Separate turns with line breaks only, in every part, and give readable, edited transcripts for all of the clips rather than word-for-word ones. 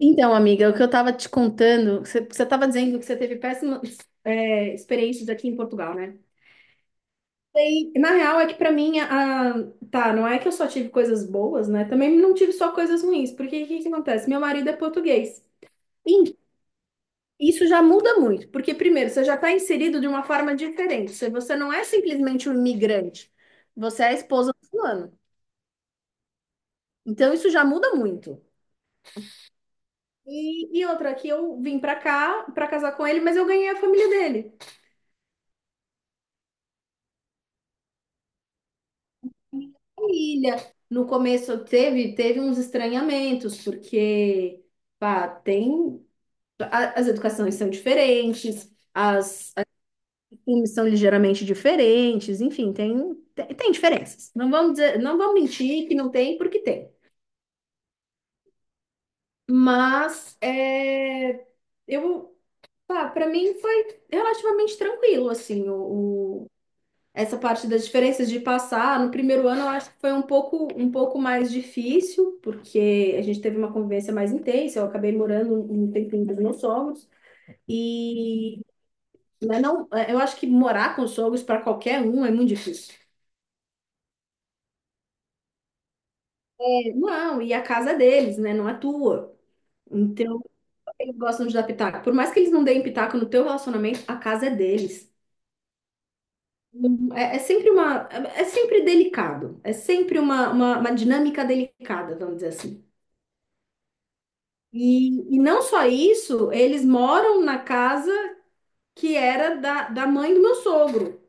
Então, amiga, o que eu estava te contando, você estava dizendo que você teve péssimas experiências aqui em Portugal, né? E, na real, é que para mim, não é que eu só tive coisas boas, né? Também não tive só coisas ruins, porque o que que acontece? Meu marido é português. E isso já muda muito, porque primeiro, você já está inserido de uma forma diferente. Você não é simplesmente um imigrante, você é a esposa do fulano. Então, isso já muda muito. E outra, que eu vim para cá para casar com ele, mas eu ganhei a família dele. Família. No começo teve, teve uns estranhamentos, porque pá, tem as educações são diferentes, as costumes são ligeiramente diferentes, enfim, tem diferenças. Não vamos dizer, não vamos mentir que não tem, porque tem. Mas é, eu, pá, para mim foi relativamente tranquilo, assim, essa parte das diferenças de passar, no primeiro ano eu acho que foi um pouco mais difícil, porque a gente teve uma convivência mais intensa, eu acabei morando um tempinho dos meus sogros, e mas não, eu acho que morar com os sogros para qualquer um é muito difícil. É. Não, e a casa é deles, né? Não é tua. Então, eles gostam de dar pitaco. Por mais que eles não deem pitaco no teu relacionamento, a casa é deles. É é sempre uma, é sempre delicado. É sempre uma dinâmica delicada, vamos dizer assim. E não só isso, eles moram na casa que era da mãe do meu sogro,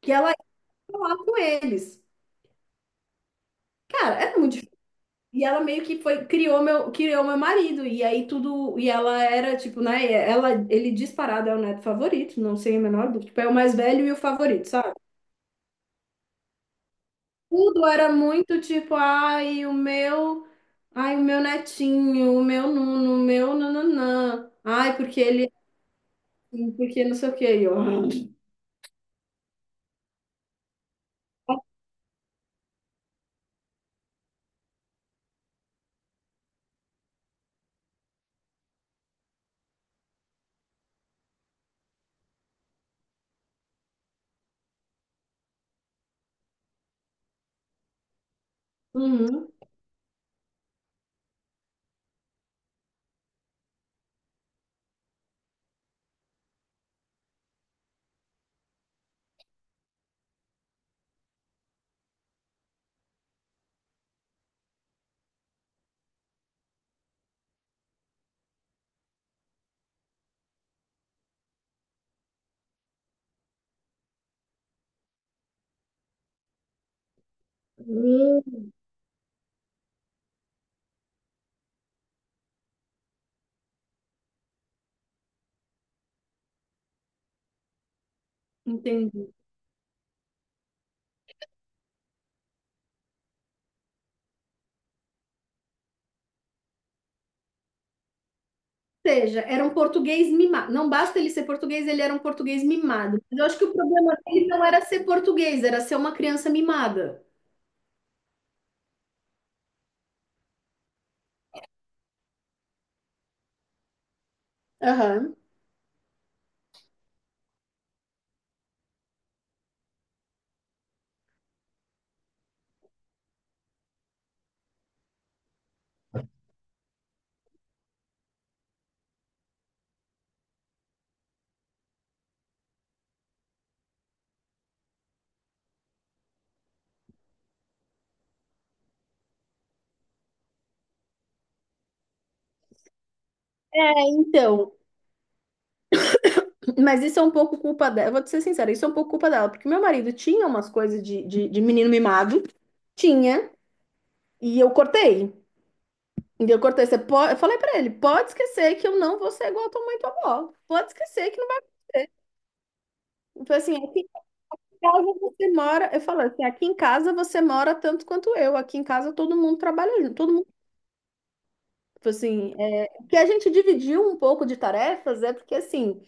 que ela ia lá com eles. Cara, é muito difícil. E ela meio que foi, criou meu marido. E aí tudo. E ela era, tipo, né? Ela, ele disparado é o neto favorito, não sei a menor dúvida. Tipo, é o mais velho e o favorito, sabe? Tudo era muito tipo, ai, o meu. Ai, o meu netinho, o meu nuno, o meu nananã. Ai, porque ele. Porque não sei o quê. E eu, "Ah, uhum. Hum, entendi." Ou seja, era um português mimado. Não basta ele ser português, ele era um português mimado. Mas eu acho que o problema dele não era ser português, era ser uma criança mimada. Aham. É. Então, mas isso é um pouco culpa dela. Eu vou te ser sincera, isso é um pouco culpa dela, porque meu marido tinha umas coisas de menino mimado, tinha, e eu cortei. E eu cortei. Você pode... Eu falei pra ele: pode esquecer que eu não vou ser igual a tua mãe e tua avó. Pode esquecer que não vai. Foi assim, casa você mora, eu falo assim, aqui em casa você mora tanto quanto eu, aqui em casa todo mundo trabalha junto, todo mundo, tipo assim, é, o que a gente dividiu um pouco de tarefas é porque assim,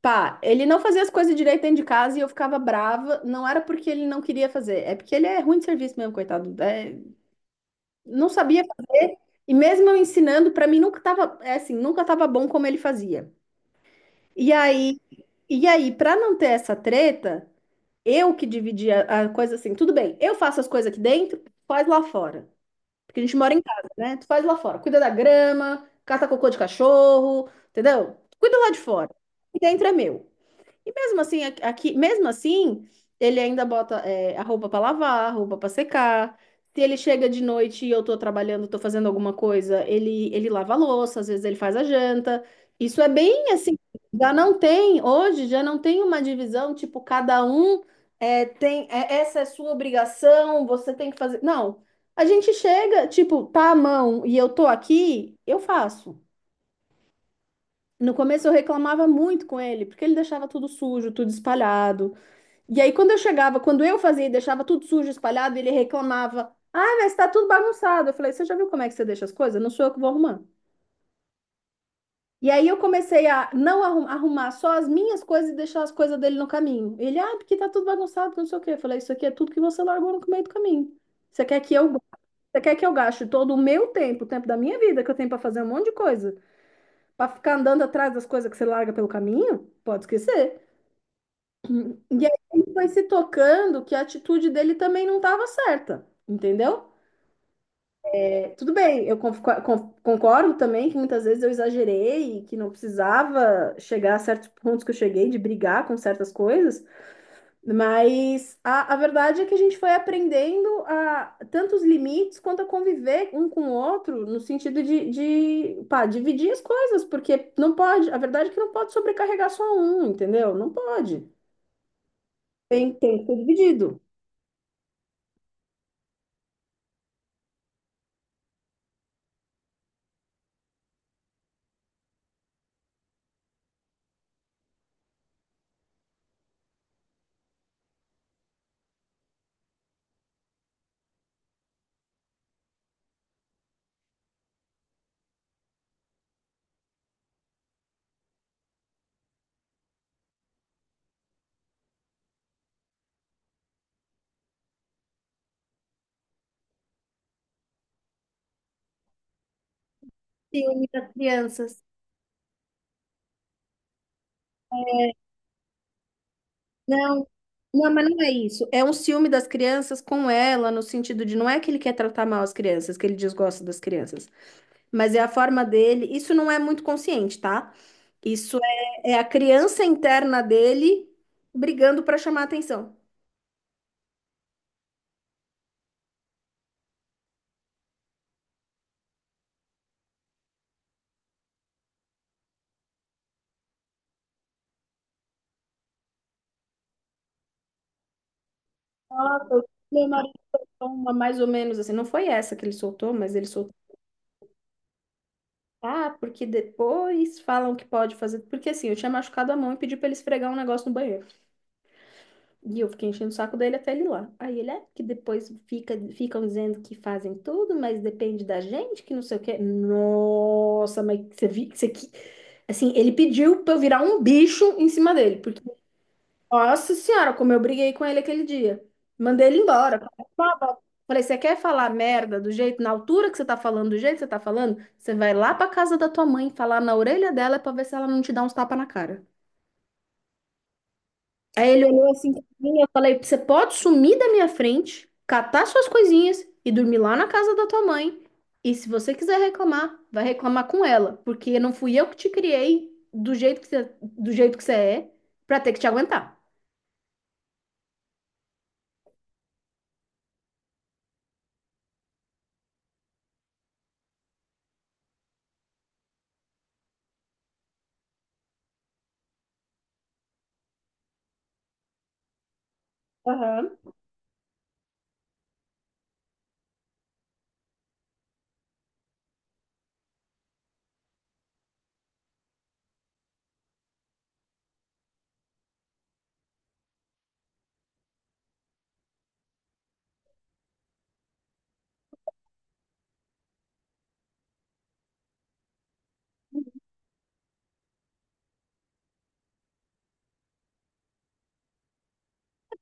pá, ele não fazia as coisas direito dentro de casa e eu ficava brava, não era porque ele não queria fazer, é porque ele é ruim de serviço mesmo, coitado, é, não sabia fazer, e mesmo eu ensinando, pra mim nunca tava, é assim, nunca tava bom como ele fazia. E aí, e aí, para não ter essa treta, eu que dividi a coisa assim, tudo bem, eu faço as coisas aqui dentro, tu faz lá fora. Porque a gente mora em casa, né? Tu faz lá fora. Cuida da grama, cata cocô de cachorro, entendeu? Cuida lá de fora. E dentro é meu. E mesmo assim, mesmo assim, ele ainda bota é, a roupa para lavar, a roupa para secar. Se ele chega de noite e eu tô trabalhando, tô fazendo alguma coisa, ele lava a louça, às vezes ele faz a janta. Isso é bem assim, já não tem, hoje já não tem uma divisão, tipo, cada um é, tem, é, essa é sua obrigação, você tem que fazer. Não, a gente chega, tipo, tá à mão e eu tô aqui, eu faço. No começo eu reclamava muito com ele, porque ele deixava tudo sujo, tudo espalhado. E aí, quando eu chegava, quando eu fazia e deixava tudo sujo, espalhado, ele reclamava: "Ah, mas tá tudo bagunçado." Eu falei: "Você já viu como é que você deixa as coisas? Não sou eu que vou arrumar." E aí, eu comecei a não arrum- arrumar só as minhas coisas e deixar as coisas dele no caminho. Ele: "Ah, porque tá tudo bagunçado, não sei o quê." Eu falei: "Isso aqui é tudo que você largou no meio do caminho. Você quer que eu, você quer que eu gaste todo o meu tempo, o tempo da minha vida, que eu tenho pra fazer um monte de coisa, pra ficar andando atrás das coisas que você larga pelo caminho? Pode esquecer." E aí ele foi se tocando que a atitude dele também não estava certa, entendeu? É, tudo bem, eu concordo também que muitas vezes eu exagerei e que não precisava chegar a certos pontos que eu cheguei de brigar com certas coisas, mas a verdade é que a gente foi aprendendo a tanto os limites quanto a conviver um com o outro no sentido de pá, dividir as coisas, porque não pode, a verdade é que não pode sobrecarregar só um, entendeu? Não pode. Tem que ser dividido. Ciúme das crianças. Não, não, mas não é isso. É um ciúme das crianças com ela, no sentido de não é que ele quer tratar mal as crianças, que ele desgosta das crianças, mas é a forma dele. Isso não é muito consciente, tá? Isso é a criança interna dele brigando para chamar atenção. Nossa, o meu marido toma mais ou menos assim. Não foi essa que ele soltou, mas ele soltou. Ah, porque depois falam que pode fazer. Porque assim, eu tinha machucado a mão e pedi pra ele esfregar um negócio no banheiro. E eu fiquei enchendo o saco dele até ele ir lá. Aí ele é que depois fica, ficam dizendo que fazem tudo, mas depende da gente, que não sei o quê. Nossa, mas você viu isso aqui? Assim, ele pediu pra eu virar um bicho em cima dele, porque, nossa senhora, como eu briguei com ele aquele dia. Mandei ele embora. Falei, você quer falar merda do jeito, na altura que você tá falando, do jeito que você tá falando? Você vai lá pra casa da tua mãe, falar na orelha dela pra ver se ela não te dá uns tapas na cara. Aí ele olhou assim pra mim, eu falei, você pode sumir da minha frente, catar suas coisinhas e dormir lá na casa da tua mãe. E se você quiser reclamar, vai reclamar com ela, porque não fui eu que te criei do jeito que você é, pra ter que te aguentar. Aham.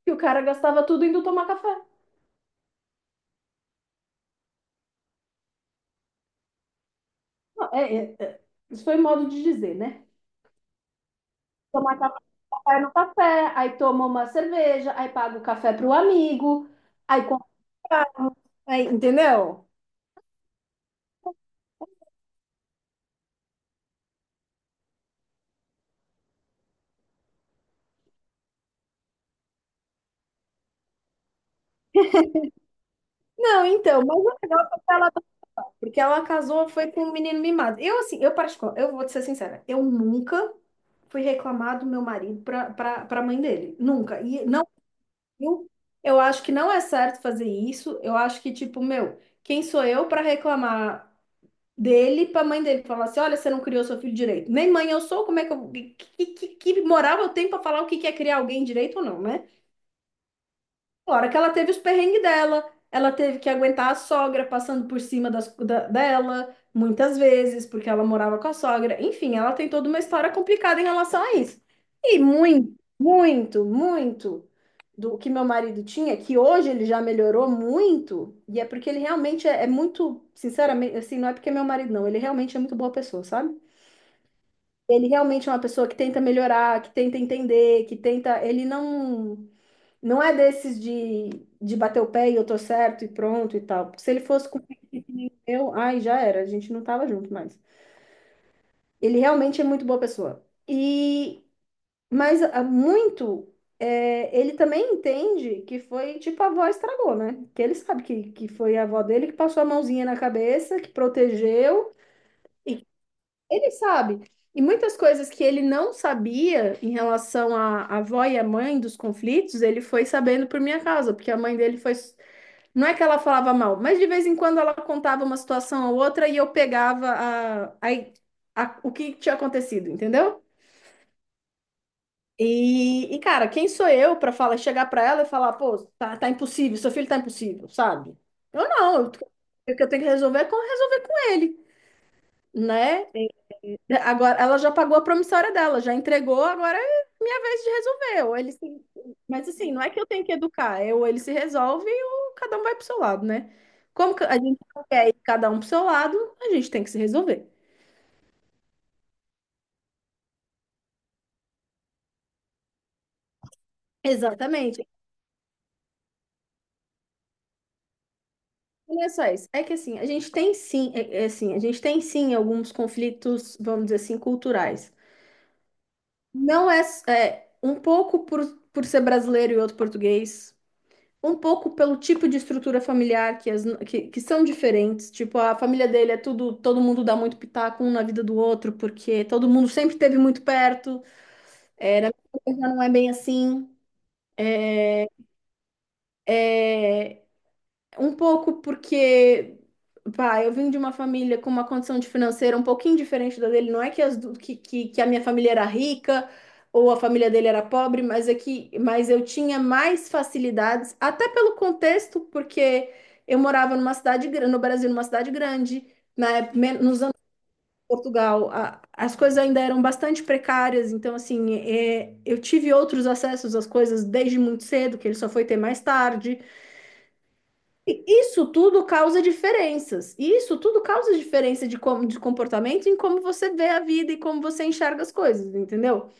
E o cara gastava tudo indo tomar café. Não, é. Isso foi modo de dizer, né? Tomar café no café, aí toma uma cerveja, aí paga o café pro amigo, aí compra, aí, entendeu? Não, então, mas o negócio é que ela. Porque ela casou, foi com um menino mimado. Eu, assim, eu particular, eu vou te ser sincera, eu nunca fui reclamar do meu marido pra mãe dele. Nunca. E não, eu, eu acho que não é certo fazer isso. Eu acho que, tipo, meu, quem sou eu pra reclamar dele pra mãe dele? Falar assim, olha, você não criou seu filho direito. Nem mãe eu sou, como é que eu... que moral eu tenho pra falar o que que é criar alguém direito ou não, né? Claro que ela teve os perrengues dela, ela teve que aguentar a sogra passando por cima dela, muitas vezes, porque ela morava com a sogra. Enfim, ela tem toda uma história complicada em relação a isso. E muito do que meu marido tinha, que hoje ele já melhorou muito, e é porque ele realmente é, é muito, sinceramente, assim, não é porque é meu marido, não, ele realmente é muito boa pessoa, sabe? Ele realmente é uma pessoa que tenta melhorar, que tenta entender, que tenta. Ele não. Não é desses de bater o pé e eu tô certo e pronto e tal. Porque se ele fosse com eu, ai, já era, a gente não tava junto mais. Ele realmente é muito boa pessoa. E mas ah, muito é, ele também entende que foi tipo a avó estragou, né? Que ele sabe que foi a avó dele que passou a mãozinha na cabeça, que protegeu. Ele sabe. E muitas coisas que ele não sabia em relação à avó e à mãe dos conflitos, ele foi sabendo por minha causa, porque a mãe dele foi. Não é que ela falava mal, mas de vez em quando ela contava uma situação ou outra e eu pegava o que tinha acontecido, entendeu? E, cara, quem sou eu para falar, chegar para ela e falar, pô, tá, tá impossível, seu filho tá impossível, sabe? Eu não, o que eu tenho que resolver é resolver com ele, né? Agora, ela já pagou a promissória dela, já entregou, agora é minha vez de resolver. Ou ele se... Mas assim, não é que eu tenho que educar, é ou ele se resolve ou cada um vai pro seu lado, né? Como que a gente não quer ir cada um pro seu lado, a gente tem que se resolver. Exatamente. E não é só isso. É que assim, a gente tem sim, é assim, a gente tem sim alguns conflitos, vamos dizer assim, culturais. Não é, é um pouco por ser brasileiro e outro português. Um pouco pelo tipo de estrutura familiar que são diferentes. Tipo, a família dele é tudo, todo mundo dá muito pitaco um na vida do outro, porque todo mundo sempre esteve muito perto. É, na minha família não é bem assim. Um pouco porque, pá, eu vim de uma família com uma condição de financeira um pouquinho diferente da dele. Não é que, as, du- que a minha família era rica ou a família dele era pobre, mas é que, mas eu tinha mais facilidades, até pelo contexto, porque eu morava numa cidade, no Brasil, numa cidade grande, na época, nos anos de Portugal, as coisas ainda eram bastante precárias, então, assim, é, eu tive outros acessos às coisas desde muito cedo, que ele só foi ter mais tarde. E isso tudo causa diferenças. E isso tudo causa diferença de comportamento em como você vê a vida e como você enxerga as coisas, entendeu?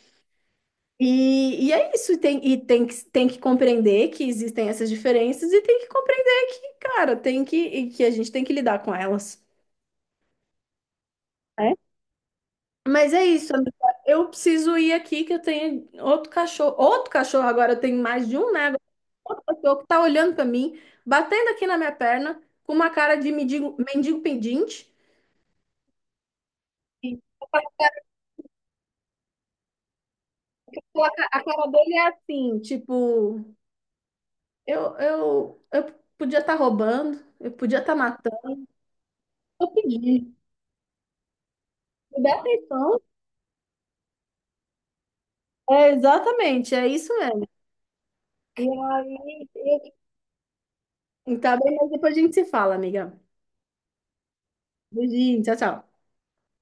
E é isso. Tem que compreender que existem essas diferenças e tem que compreender que, cara, tem que, e que a gente tem que lidar com elas. Né? Mas é isso, amiga. Eu preciso ir aqui que eu tenho outro cachorro. Outro cachorro agora, eu tenho mais de um, né? Outro cachorro que tá olhando pra mim, batendo aqui na minha perna, com uma cara de mendigo, mendigo pedinte. A cara dele é assim, tipo, eu podia estar roubando, eu podia estar matando, eu pedi. Me dá atenção. É, exatamente, é isso mesmo. E aí, e- então, tá bem, mas depois a gente se fala, amiga. Beijinho, tchau, tchau.